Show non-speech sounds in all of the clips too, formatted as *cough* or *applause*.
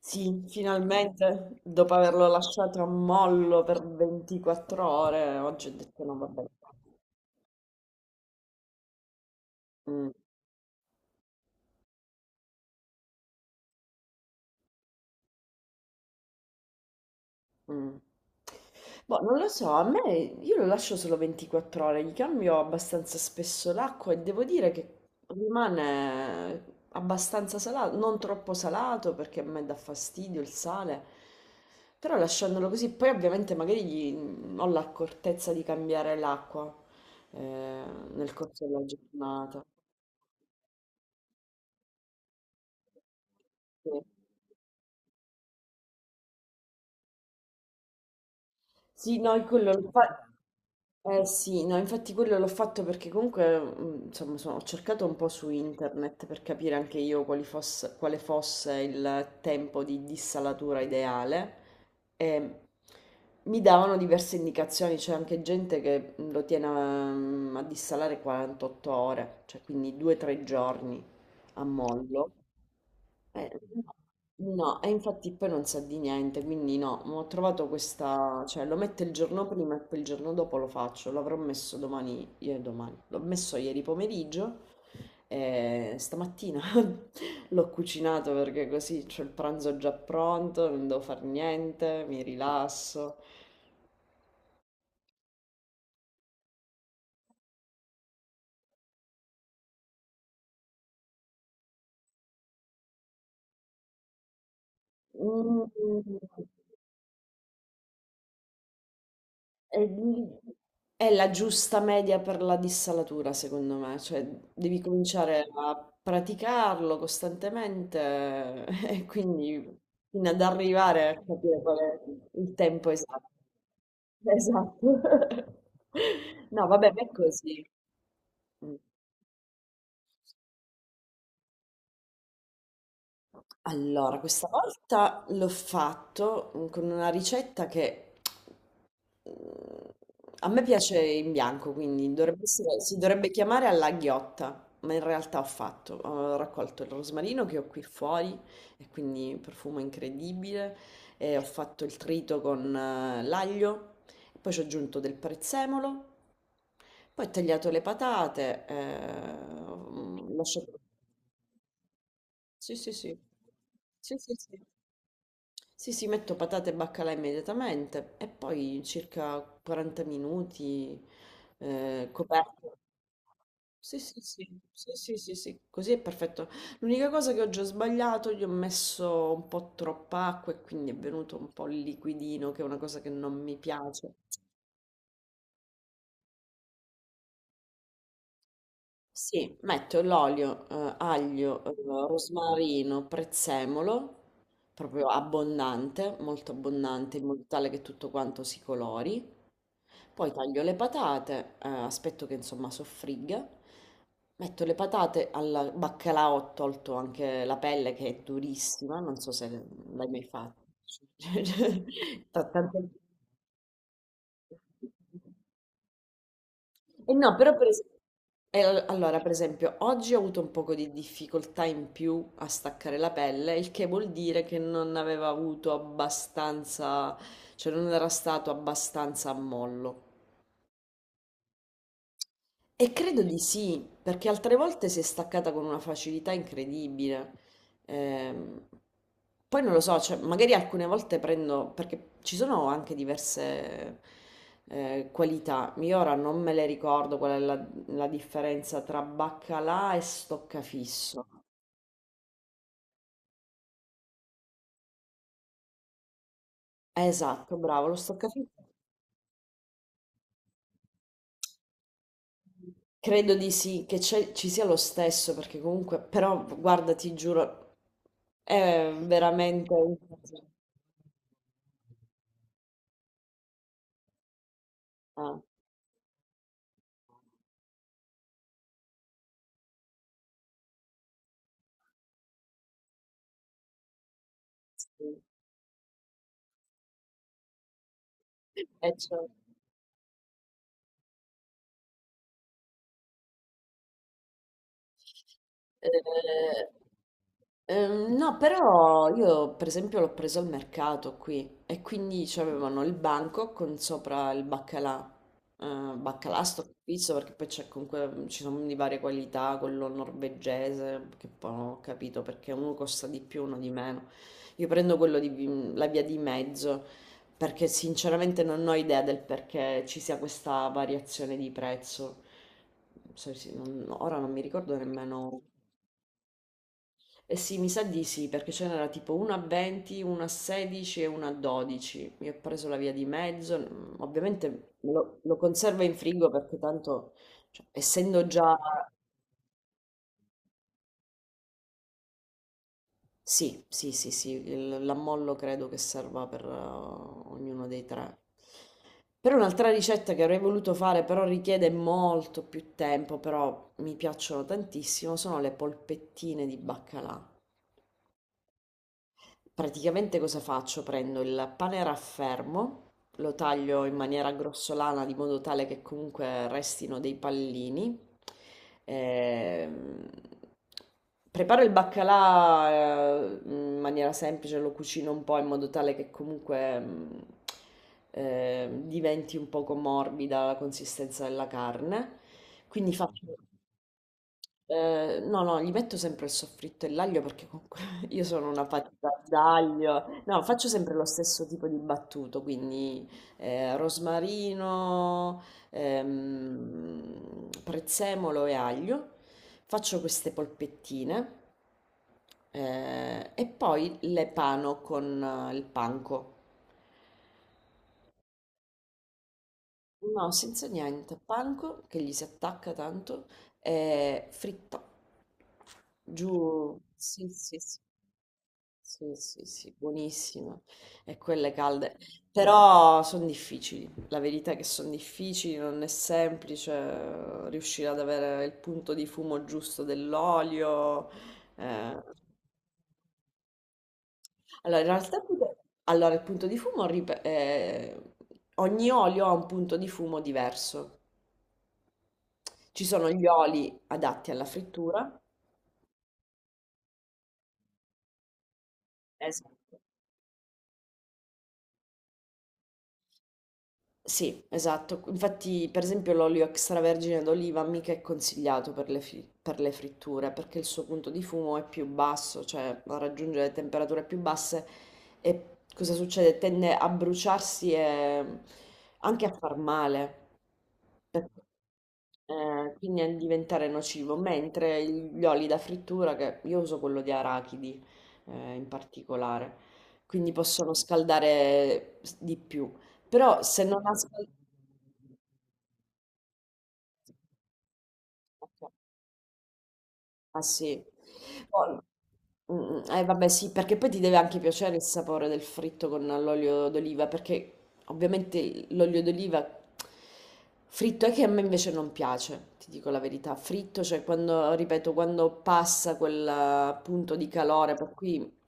Sì, finalmente, dopo averlo lasciato a mollo per 24 ore, oggi ho detto no, vabbè. Mm, mm. Boh, non lo so, a me io lo lascio solo 24 ore, gli cambio abbastanza spesso l'acqua e devo dire che rimane abbastanza salato, non troppo salato perché a me dà fastidio il sale, però lasciandolo così, poi ovviamente magari gli- ho l'accortezza di cambiare l'acqua eh, nel corso della giornata. Sì. Sì, no, io quello l'ho fa- sì, no, infatti quello l'ho fatto perché comunque, insomma, sono- ho cercato un po' su internet per capire anche io quali fosse- quale fosse il tempo di dissalatura ideale e mi davano diverse indicazioni, c'è anche gente che lo tiene a, a dissalare 48 ore, cioè quindi 2-3 giorni a mollo. No, no, e infatti poi non sa di niente, quindi no, ma ho trovato questa, cioè lo metto il giorno prima e poi il giorno dopo lo faccio, l'avrò messo domani, ieri domani, l'ho messo ieri pomeriggio e stamattina *laughs* l'ho cucinato perché così c'ho il pranzo già pronto, non devo fare niente, mi rilasso. Mm, mm, mm. È lì, è la giusta media per la dissalatura, secondo me, cioè devi cominciare a praticarlo costantemente *laughs* e quindi fino ad arrivare a capire qual è il tempo esatto. Esatto. *laughs* No, vabbè, ma è così. Mm. Allora, questa volta l'ho fatto con una ricetta che mm, a me piace in bianco, quindi dovrebbe essere- si dovrebbe chiamare alla ghiotta, ma in realtà ho fatto, ho raccolto il rosmarino che ho qui fuori e quindi profumo incredibile e ho fatto il trito con l'aglio, poi ci ho aggiunto del prezzemolo, poi ho tagliato le patate, ho lasciato... Sì, sì, sì. Sì, sì, sì. Sì, sì, metto patate e baccalà immediatamente e poi circa 40 minuti coperto. Sì, sì, sì, sì, sì, sì, sì, così è perfetto. L'unica cosa che oggi ho sbagliato, gli ho messo un po' troppa acqua e quindi è venuto un po' il liquidino, che è una cosa che non mi piace. Sì, metto l'olio, aglio, rosmarino, prezzemolo, proprio abbondante, molto abbondante, in modo tale che tutto quanto si colori. Poi taglio le patate, aspetto che insomma soffrigga, metto le patate al baccalà, ho tolto anche la pelle che è durissima, non so se l'hai mai fatto. *laughs* Ta- tante- E no, però per esempio, allora per esempio oggi ho avuto un poco di difficoltà in più a staccare la pelle, il che vuol dire che non aveva avuto abbastanza, cioè non era stato abbastanza a mollo. E credo di sì, perché altre volte si è staccata con una facilità incredibile. Ehm, poi non lo so, cioè, magari alcune volte prendo, perché ci sono anche diverse qualità. Io ora non me le ricordo qual è la, la differenza tra baccalà e stoccafisso. Esatto, bravo, lo stoccafisso. Credo di sì, che c'è- ci sia lo stesso, perché comunque, però guarda, ti giuro, è veramente un... Ah. Sì, certo. Eh, no, però io per esempio l'ho preso al mercato qui e quindi c'avevano il banco con sopra il baccalà. Baccalà sto pizzo perché poi c'è comunque ci sono di varie qualità, quello norvegese, che poi non ho capito perché uno costa di più, uno di meno. Io prendo quello di vi- la via di mezzo perché sinceramente non ho idea del perché ci sia questa variazione di prezzo. So- sì, non- ora non mi ricordo nemmeno. Eh sì, mi sa di sì, perché ce n'era tipo una a 20, una a 16 e una a 12. Io ho preso la via di mezzo, ovviamente lo, lo conservo in frigo perché tanto, cioè, essendo già... Sì, sì, sì, sì, il- l'ammollo credo che serva per ognuno dei tre. Per un'altra ricetta che avrei voluto fare, però richiede molto più tempo, però mi piacciono tantissimo, sono le polpettine di baccalà. Praticamente cosa faccio? Prendo il pane raffermo, lo taglio in maniera grossolana di modo tale che comunque restino dei pallini. Ehm, preparo il baccalà in maniera semplice, lo cucino un po' in modo tale che comunque diventi un poco morbida la consistenza della carne. Quindi faccio... no, no, gli metto sempre il soffritto e l'aglio perché comunque *laughs* io sono una patita d'aglio. No, faccio sempre lo stesso tipo di battuto, quindi rosmarino, prezzemolo e aglio. Faccio queste polpettine e poi le pano con il panco. No, senza niente. Panko che gli si attacca tanto è fritta. Giù. Sì, sì, sì. Sì, sì, sì, buonissima. E quelle calde. Però sono difficili. La verità è che sono difficili, non è semplice riuscire ad avere il punto di fumo giusto dell'olio. Eh. Allora, in realtà, allora, il punto di fumo, rip- ogni olio ha un punto di fumo diverso. Ci sono gli oli adatti alla frittura. Esatto. Sì, esatto. Infatti, per esempio, l'olio extravergine d'oliva mica è consigliato per le, fi- per le fritture perché il suo punto di fumo è più basso, cioè raggiunge le temperature più basse e cosa succede? Tende a bruciarsi e anche a far male. Eh, quindi a diventare nocivo, mentre gli oli da frittura, che io uso quello di arachidi in particolare, quindi possono scaldare s- di più. Però se non ha scaldato... Ah sì. Poi- mm, eh vabbè sì, perché poi ti deve anche piacere il sapore del fritto con l'olio d'oliva, perché ovviamente l'olio d'oliva fritto è che a me invece non piace, ti dico la verità. Fritto, cioè quando, ripeto, quando passa quel punto di calore, per cui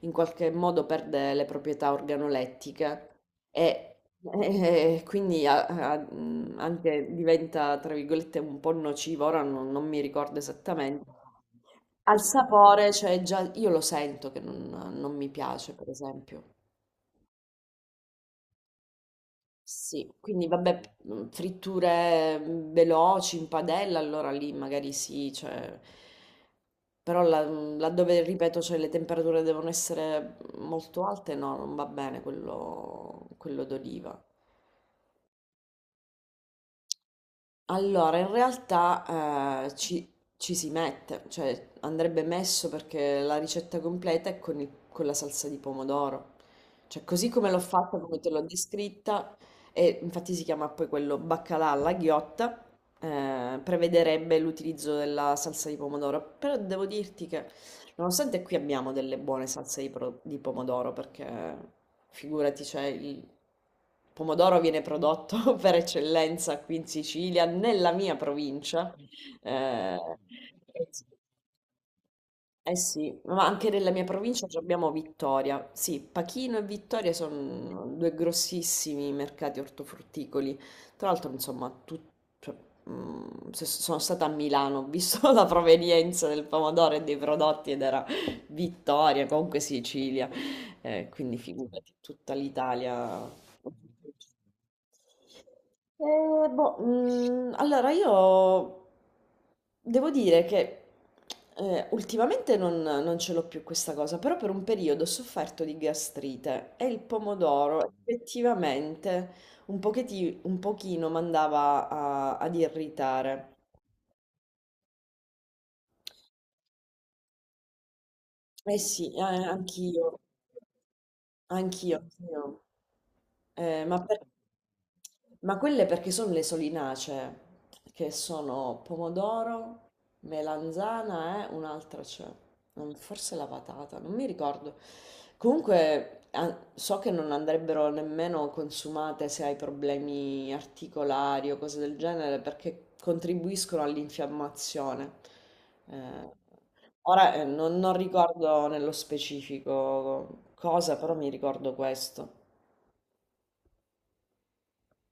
in qualche modo perde le proprietà organolettiche e, *laughs* e quindi a- a- anche diventa, tra virgolette, un po' nocivo, ora non, non mi ricordo esattamente. Al sapore, cioè già io lo sento che non mi piace, per esempio. Sì, quindi vabbè, mhmm, fritture, mhmm, veloci in padella, allora lì magari sì, cioè però là mhmm, laddove ripeto, cioè le temperature devono essere molto alte, no, non va bene quello d'oliva. Allora, in realtà ci si mette, cioè andrebbe messo perché la ricetta completa è con, il- con la salsa di pomodoro. Cioè, così come l'ho fatta, come te l'ho descritta, e infatti si chiama poi quello baccalà alla ghiotta, prevederebbe l'utilizzo della salsa di pomodoro. Però devo dirti che nonostante qui abbiamo delle buone salse di, pro- di pomodoro, perché figurati, c'è il pomodoro viene prodotto *laughs* per eccellenza qui in Sicilia, nella mia provincia. Eh, eh sì, ma anche nella mia provincia ci abbiamo Vittoria. Sì, Pachino e Vittoria sono due grossissimi mercati ortofrutticoli. Tra l'altro, insomma, tut- cioè, se- sono stata a Milano, ho visto *laughs* la provenienza del pomodoro e dei prodotti ed era Vittoria, comunque Sicilia. Quindi figurati, tutta l'Italia eh, allora io devo dire che ultimamente non ce l'ho più questa cosa, però per un periodo ho sofferto di gastrite e il pomodoro effettivamente un pochetti- un pochino, mi andava a- ad irritare. Eh sì, anch'io, anch'io, anch'io. Ma, per- ma quelle perché sono le solinacee, che sono pomodoro, melanzana è un'altra c'è, non- forse la patata, non mi ricordo. Comunque a- so che non andrebbero nemmeno consumate se hai problemi articolari o cose del genere perché contribuiscono all'infiammazione. Eh, ora non ricordo nello specifico cosa, però mi ricordo questo.